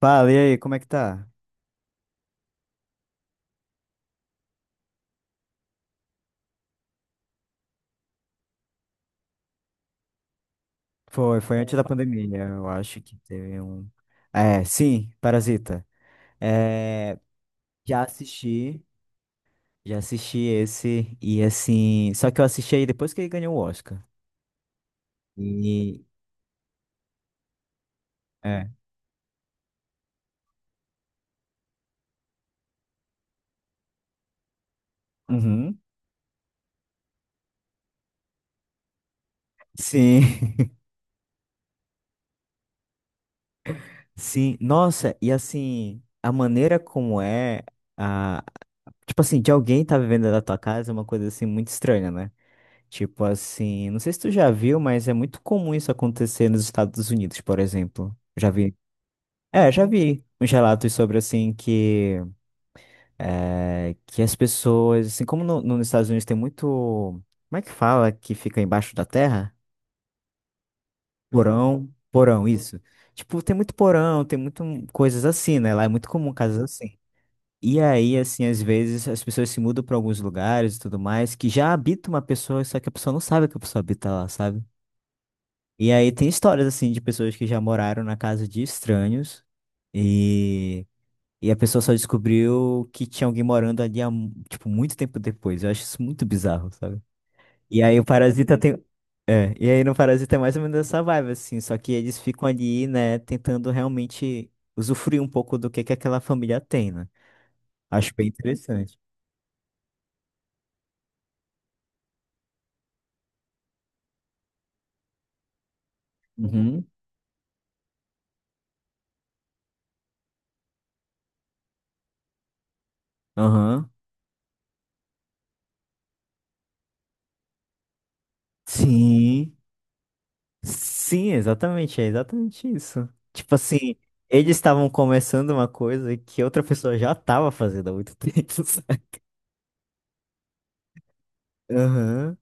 Fala, e aí, como é que tá? Foi antes da pandemia, eu acho que teve um. É, sim, Parasita. É, já assisti, já assisti esse, e assim. Só que eu assisti aí depois que ele ganhou o Oscar. E. É. Uhum. Sim, sim. Nossa, e assim, a maneira como é. A... Tipo assim, de alguém tá vivendo da tua casa é uma coisa assim muito estranha, né? Tipo assim, não sei se tu já viu, mas é muito comum isso acontecer nos Estados Unidos, por exemplo. Já vi. É, já vi uns relatos sobre assim que que as pessoas, assim como nos Estados Unidos tem muito, como é que fala que fica embaixo da terra? Porão, isso. Tipo, tem muito porão, tem muito coisas assim, né? Lá é muito comum casas assim. E aí, assim, às vezes as pessoas se mudam para alguns lugares e tudo mais, que já habita uma pessoa, só que a pessoa não sabe que a pessoa habita lá, sabe? E aí tem histórias assim de pessoas que já moraram na casa de estranhos e, e a pessoa só descobriu que tinha alguém morando ali tipo, muito tempo depois. Eu acho isso muito bizarro, sabe? E aí o Parasita tem. É, e aí no Parasita é mais ou menos essa vibe, assim, só que eles ficam ali, né, tentando realmente usufruir um pouco do que aquela família tem, né? Acho bem interessante. Uhum. Aham. Sim. Sim, exatamente, é exatamente isso. Tipo assim, eles estavam começando uma coisa que outra pessoa já estava fazendo há muito tempo. Sabe? Aham.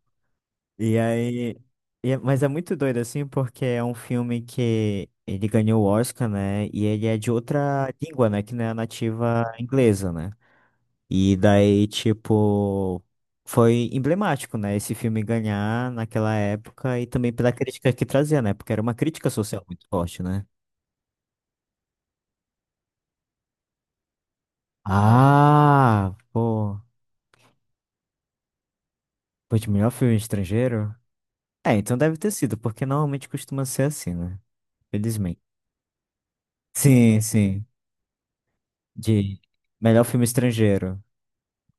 E aí. Mas é muito doido, assim, porque é um filme que ele ganhou o Oscar, né? E ele é de outra língua, né? Que não é a nativa inglesa, né? E daí, tipo. Foi emblemático, né? Esse filme ganhar naquela época e também pela crítica que trazia, né? Porque era uma crítica social muito forte, né? Ah, pô. Pô, de melhor filme estrangeiro? É, então deve ter sido, porque normalmente costuma ser assim, né? Felizmente. Sim, sim. De melhor filme estrangeiro.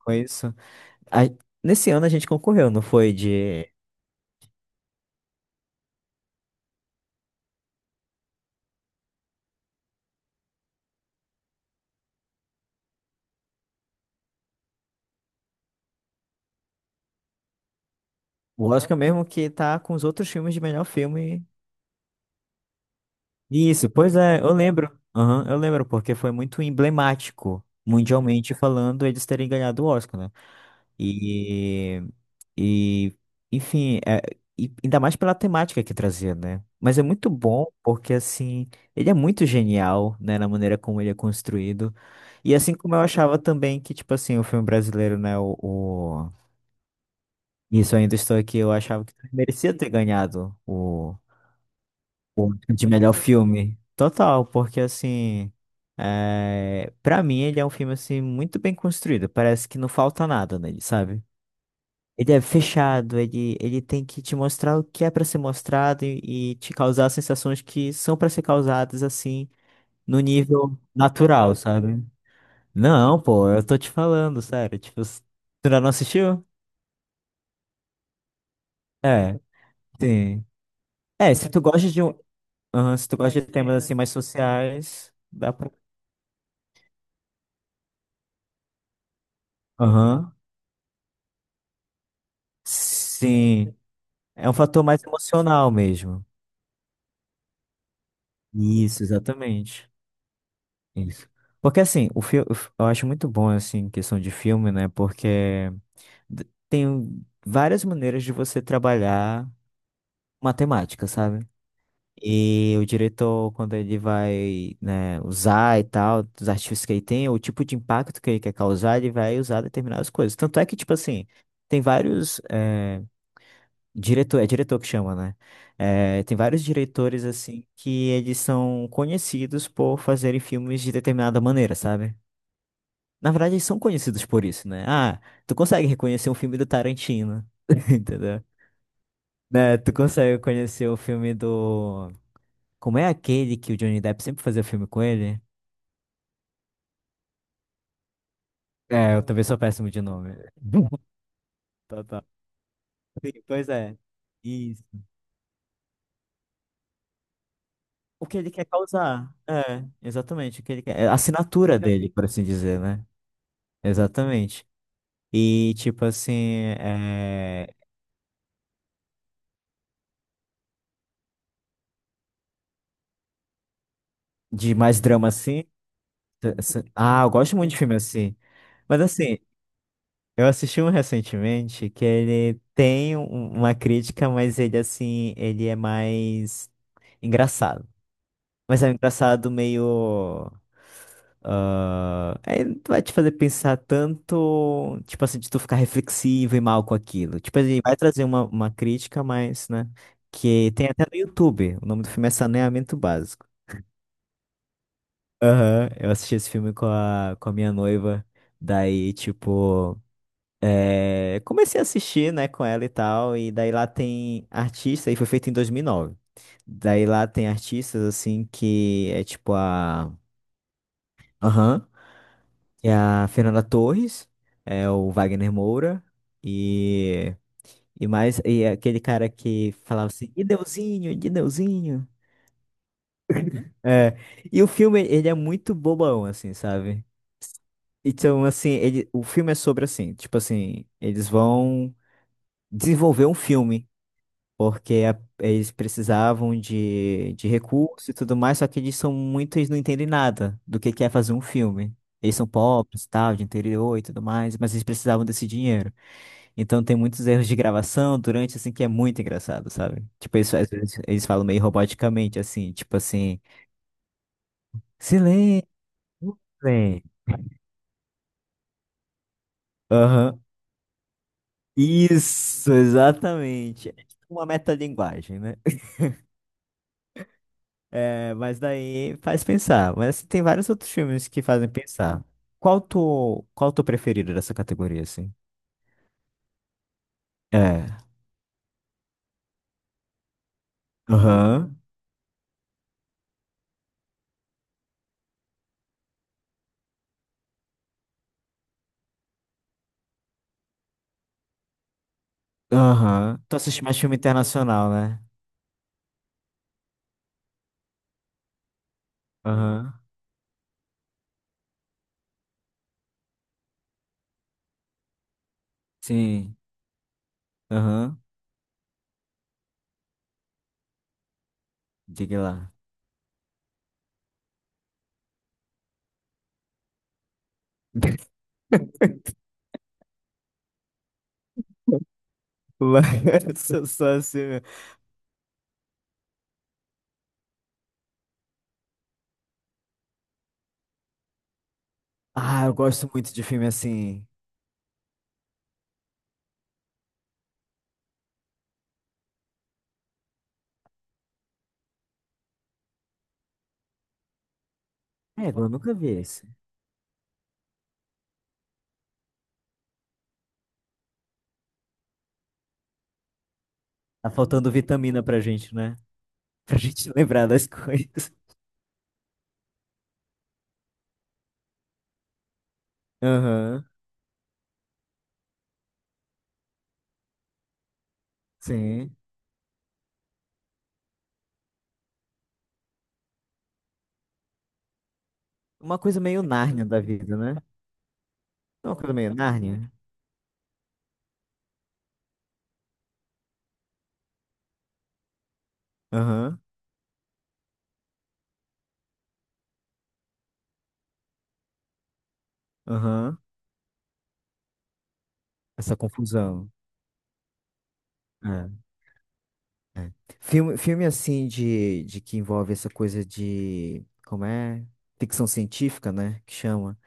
Foi isso. A- Nesse ano a gente concorreu, não foi? De. O Oscar mesmo que tá com os outros filmes de melhor filme. Isso, pois é, eu lembro. Aham, eu lembro, porque foi muito emblemático, mundialmente falando, eles terem ganhado o Oscar, né? E, e enfim, é, e ainda mais pela temática que trazia, né? Mas é muito bom porque, assim, ele é muito genial, né, na maneira como ele é construído. E assim como eu achava também que, tipo assim, o filme brasileiro, né, isso Ainda Estou Aqui, eu achava que merecia ter ganhado o de melhor filme. Total, porque, assim, é, pra mim ele é um filme, assim, muito bem construído. Parece que não falta nada nele, sabe? Ele é fechado, ele tem que te mostrar o que é pra ser mostrado e te causar sensações que são pra ser causadas assim, no nível natural, sabe? Não, pô, eu tô te falando, sério. Tipo, tu ainda não assistiu? É, sim. É, se tu gosta de um, aham, se tu gosta de temas assim mais sociais, dá pra. Aham. Sim. É um fator mais emocional mesmo. Isso, exatamente. Isso. Porque assim, o filme eu acho muito bom assim em questão de filme, né? Porque tem várias maneiras de você trabalhar matemática, sabe? E o diretor, quando ele vai, né, usar e tal, dos artifícios que ele tem, o tipo de impacto que ele quer causar, ele vai usar determinadas coisas. Tanto é que, tipo assim, tem vários, diretor, é diretor que chama, né? Tem vários diretores, assim, que eles são conhecidos por fazerem filmes de determinada maneira, sabe? Na verdade, eles são conhecidos por isso, né? Ah, tu consegue reconhecer um filme do Tarantino, entendeu? Né? Tu consegue conhecer o filme do... Como é aquele que o Johnny Depp sempre fazia filme com ele? É, eu também sou péssimo de nome. Tá. Sim, pois é. Isso. O que ele quer causar. É, exatamente. O que ele quer. É a assinatura dele, por assim dizer, né? Exatamente. E, tipo assim, é... De mais drama assim. Ah, eu gosto muito de filme assim. Mas assim, eu assisti um recentemente que ele tem uma crítica, mas ele assim, ele é mais engraçado. Mas é um engraçado meio. Ah, é, vai te fazer pensar tanto, tipo assim, de tu ficar reflexivo e mal com aquilo. Tipo, ele vai trazer uma crítica, mas, né? Que tem até no YouTube. O nome do filme é Saneamento Básico. Aham, eu assisti esse filme com a minha noiva. Daí, tipo. É, comecei a assistir, né, com ela e tal, e daí lá tem artista, e foi feito em 2009. Daí lá tem artistas, assim, que é tipo a... Aham, é a Fernanda Torres, é o Wagner Moura, e... E mais, e é aquele cara que falava assim, e Deusinho, de Deusinho. É, e o filme, ele é muito bobão, assim, sabe? Então, assim, ele, o filme é sobre, assim, tipo assim, eles vão desenvolver um filme porque eles precisavam de recursos e tudo mais, só que eles são muito, eles não entendem nada do que é fazer um filme. Eles são pobres, tal, de interior e tudo mais, mas eles precisavam desse dinheiro. Então tem muitos erros de gravação durante, assim, que é muito engraçado, sabe? Tipo, eles, às vezes eles falam meio roboticamente, assim, tipo assim, silêncio, silêncio." Aham. Isso, exatamente. É tipo uma metalinguagem, né? É, mas daí faz pensar. Mas assim, tem vários outros filmes que fazem pensar. Qual tu preferido dessa categoria, assim? É. Aham. Aham. Tu assiste mais filme internacional, né? Aham. Sim. Aham. Diga lá. Lá, sou só assim. Mesmo. Ah, eu gosto muito de filme assim. É, eu nunca vi esse. Tá faltando vitamina pra gente, né? Pra gente lembrar das coisas. Aham. Sim. Uma coisa meio Nárnia da vida, né? Não, aquela meio Nárnia. Aham, aham. Essa confusão. É. Filme assim de que envolve essa coisa de, como é? Ficção científica, né? Que chama.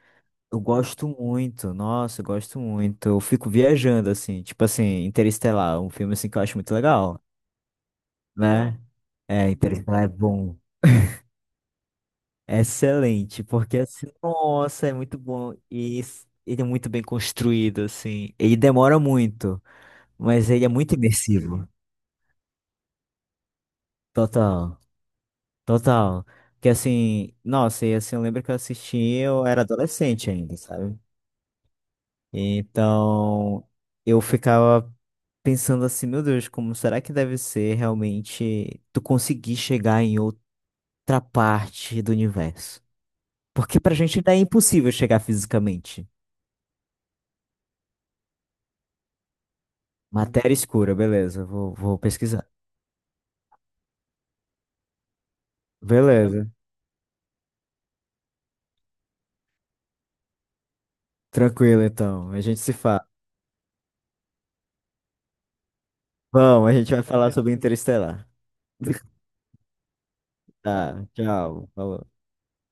Eu gosto muito, nossa, eu gosto muito. Eu fico viajando, assim, tipo assim, Interestelar, um filme assim que eu acho muito legal, né? É, Interestelar é bom. É excelente, porque assim, nossa, é muito bom. E ele é muito bem construído, assim. Ele demora muito, mas ele é muito imersivo. Total, total. Que assim, nossa, e assim, eu lembro que eu assisti, eu era adolescente ainda, sabe? Então, eu ficava pensando assim, meu Deus, como será que deve ser realmente tu conseguir chegar em outra parte do universo? Porque pra gente ainda é impossível chegar fisicamente. Matéria escura, beleza, vou pesquisar. Beleza, tranquilo então, a gente se fala. Bom, a gente vai falar sobre Interestelar. Tá, tchau, falou.